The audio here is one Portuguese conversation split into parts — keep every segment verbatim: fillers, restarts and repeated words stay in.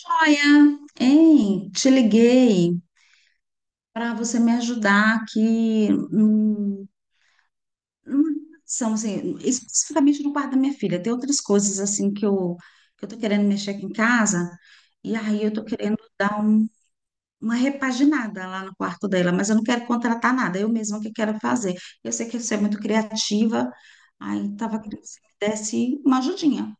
Joia, hein? Te liguei para você me ajudar aqui hum, numa relação, assim, especificamente no quarto da minha filha. Tem outras coisas assim que eu que eu tô querendo mexer aqui em casa e aí eu tô querendo dar um- uma repaginada lá no quarto dela, mas eu não quero contratar nada, eu mesma que quero fazer. Eu sei que você é muito criativa, aí tava querendo que você me desse uma ajudinha.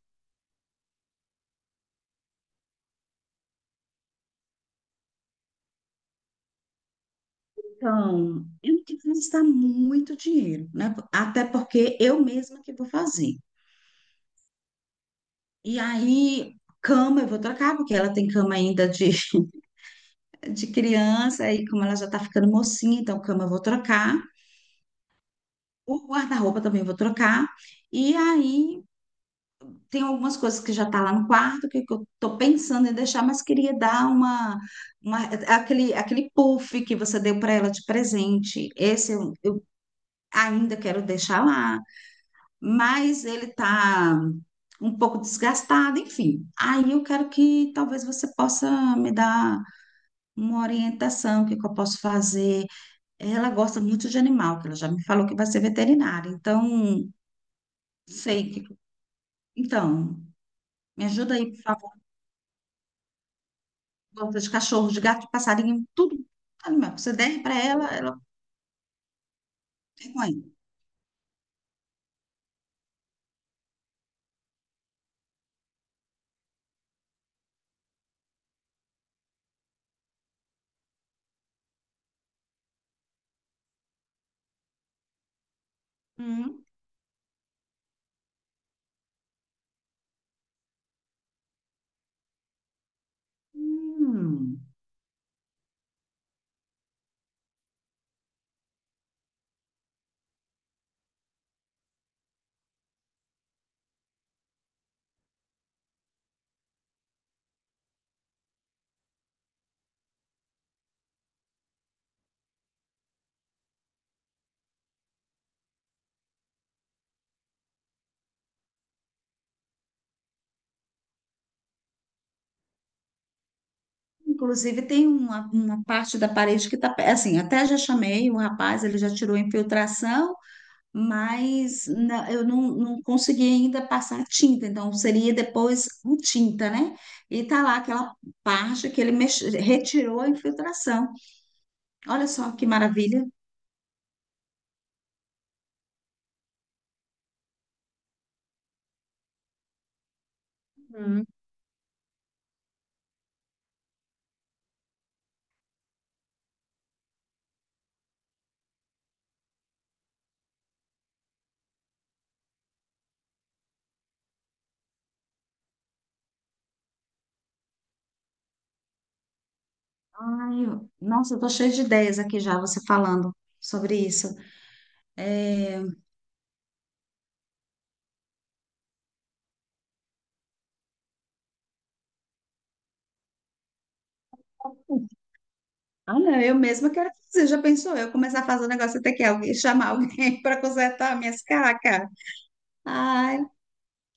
Então, eu não quero gastar muito dinheiro, né? Até porque eu mesma que vou fazer. E aí, cama eu vou trocar, porque ela tem cama ainda de, de criança, e como ela já tá ficando mocinha, então cama eu vou trocar. O guarda-roupa também eu vou trocar. E aí, tem algumas coisas que já tá lá no quarto, que, que eu tô pensando em deixar, mas queria dar uma, uma- aquele, aquele puff que você deu para ela de presente. Esse eu eu ainda quero deixar lá. Mas ele está um pouco desgastado, enfim. Aí eu quero que talvez você possa me dar uma orientação, o que que eu posso fazer. Ela gosta muito de animal, que ela já me falou que vai ser veterinária, então sei que. Então, me ajuda aí, por favor. Gosta de cachorro, de gato, de passarinho, tudo. Animal que você der para ela, ela é com ele. Hum. Hum. Inclusive, tem uma, uma parte da parede que está. Assim, até já chamei o rapaz, ele já tirou a infiltração. Mas na- eu não, não consegui ainda passar a tinta, então seria depois a tinta, né? E tá lá aquela parte que ele mex- retirou a infiltração. Olha só que maravilha. Ai, eu- nossa, eu tô cheia de ideias aqui já, você falando sobre isso. É. Ah, não, eu mesma quero fazer, já pensou? Eu começar a fazer um negócio até que alguém chamar alguém para consertar minhas cacas. Ai,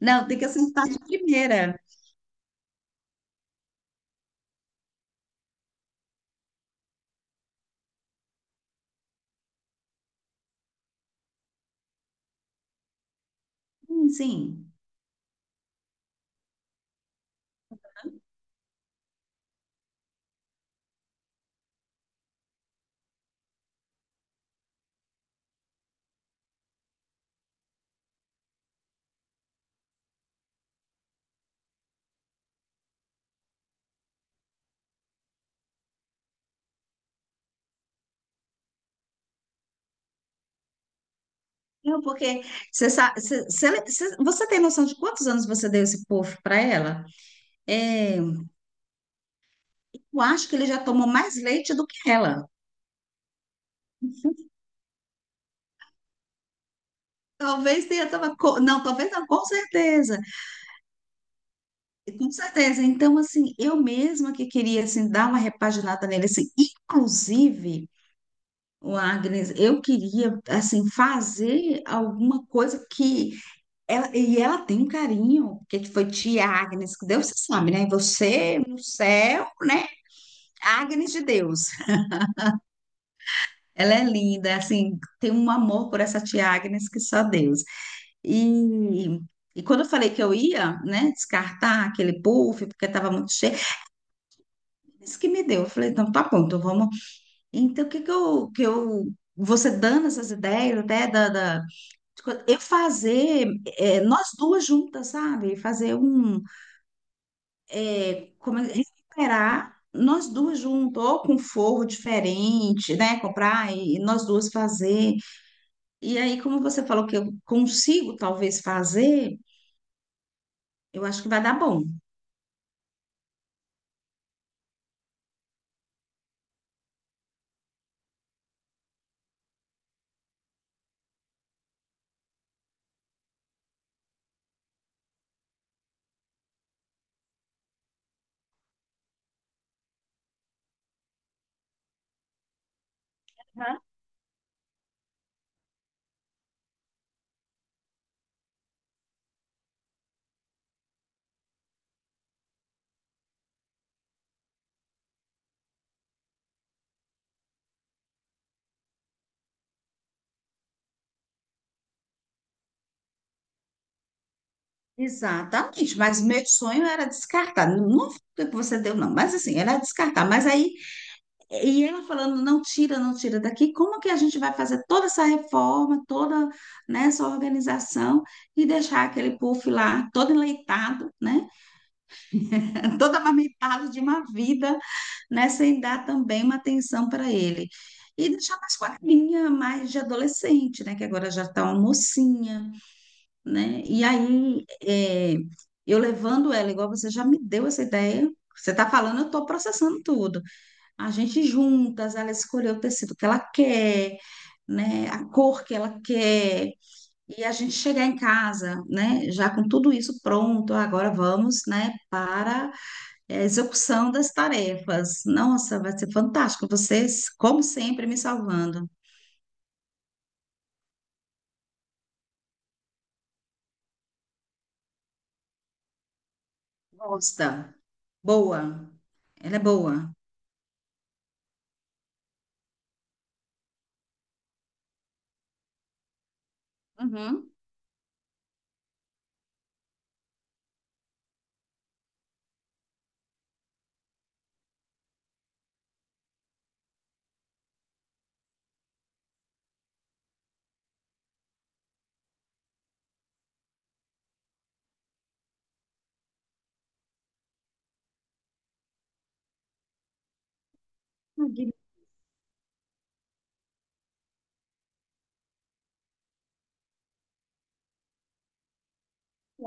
não, tem que acertar de primeira. Sim, sim. Não, porque você, sa- você, você, você você tem noção de quantos anos você deu esse puff para ela? É, eu acho que ele já tomou mais leite do que ela. Talvez tenha tomado. co- Não, talvez não, com certeza. Com certeza. Então, assim, eu mesma que queria, assim, dar uma repaginada nele, assim, inclusive, o Agnes, eu queria, assim, fazer alguma coisa que ela, e ela tem um carinho, porque que foi tia Agnes que deu, você sabe, né? Você no céu, né? Agnes de Deus. Ela é linda, assim, tem um amor por essa tia Agnes que só Deus. E, e quando eu falei que eu ia, né, descartar aquele puff, porque estava muito cheio, isso que me deu. Eu falei, então tá bom, então vamos. Então, o que que eu, que eu. Você dando essas ideias, até da, da- de co- eu fazer, é, nós duas juntas, sabe? Fazer um. É, como, é- recuperar nós duas juntas, ou com forro diferente, né? Comprar e e nós duas fazer. E aí, como você falou que eu consigo talvez fazer, eu acho que vai dar bom. Exatamente, mas meu sonho era descartar. Não não foi o que você deu, não, mas assim, era descartar. Mas aí, e ela falando, não tira, não tira daqui, como que a gente vai fazer toda essa reforma, toda, né, essa organização e deixar aquele puff lá todo enleitado, né, todo amamentado de uma vida né, sem dar também uma atenção para ele. E deixar mais com a linha mais de adolescente, né, que agora já está uma mocinha, né? E aí, é, eu levando ela, igual você já me deu essa ideia, você está falando, eu estou processando tudo. A gente juntas, ela escolheu o tecido que ela quer, né, a cor que ela quer, e a gente chegar em casa, né, já com tudo isso pronto, agora vamos, né, para é execução das tarefas. Nossa, vai ser fantástico. Vocês, como sempre, me salvando. Gosta. Boa. Ela é boa. Uhum.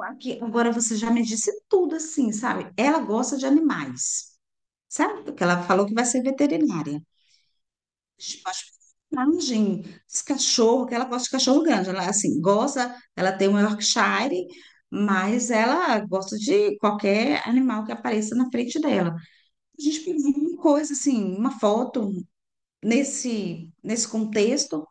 Aqui, agora você já me disse tudo assim, sabe? Ela gosta de animais, sabe? Porque ela falou que vai ser veterinária. Mas imagem, esse cachorro, que ela gosta de cachorro grande. Ela, assim, gosta, ela tem um Yorkshire, mas ela gosta de qualquer animal que apareça na frente dela. A gente pediu uma coisa assim, uma foto nesse nesse contexto.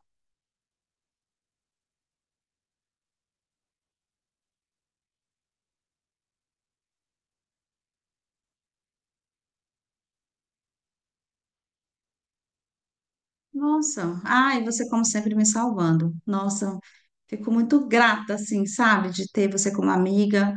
Nossa, ai, você como sempre me salvando. Nossa, fico muito grata assim, sabe, de ter você como amiga,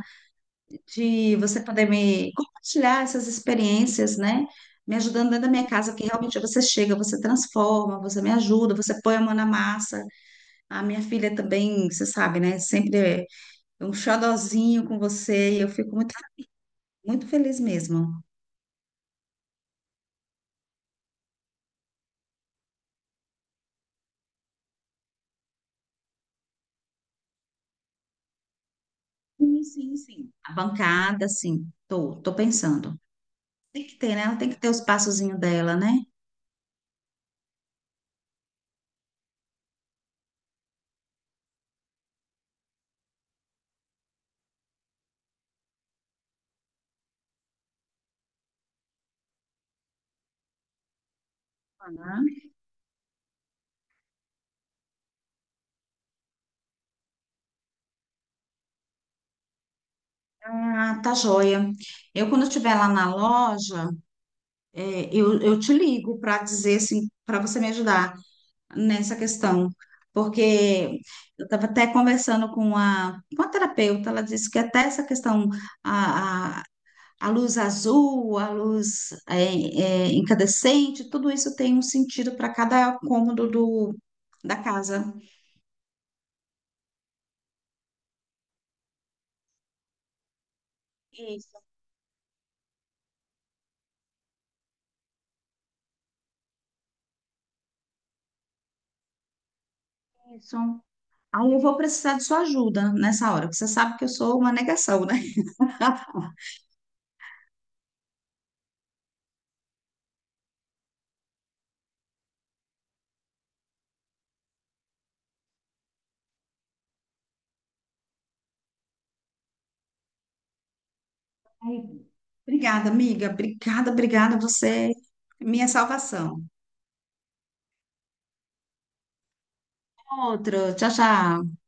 de você poder me compartilhar essas experiências, né? Me ajudando dentro da minha casa, que realmente você chega, você transforma, você me ajuda, você põe a mão na massa. A minha filha também, você sabe, né? Sempre é um xodozinho com você e eu fico muito, muito feliz mesmo. Sim, sim, sim. A bancada, sim. Tô, tô pensando. Tem que ter, né? Ela tem que ter os passozinhos dela, né? Ah, tá joia. Eu, quando eu estiver lá na loja, é, eu, eu te ligo para dizer assim, para você me ajudar nessa questão. Porque eu estava até conversando com a, com a terapeuta, ela disse que até essa questão, a a luz azul, a luz é, é, incandescente, tudo isso tem um sentido para cada cômodo do, da casa. Isso, isso. Aí eu vou precisar de sua ajuda nessa hora, porque você sabe que eu sou uma negação, né? Ai, Obrigada, amiga. Obrigada, obrigada. Você é minha salvação. Outro. Tchau, tchau.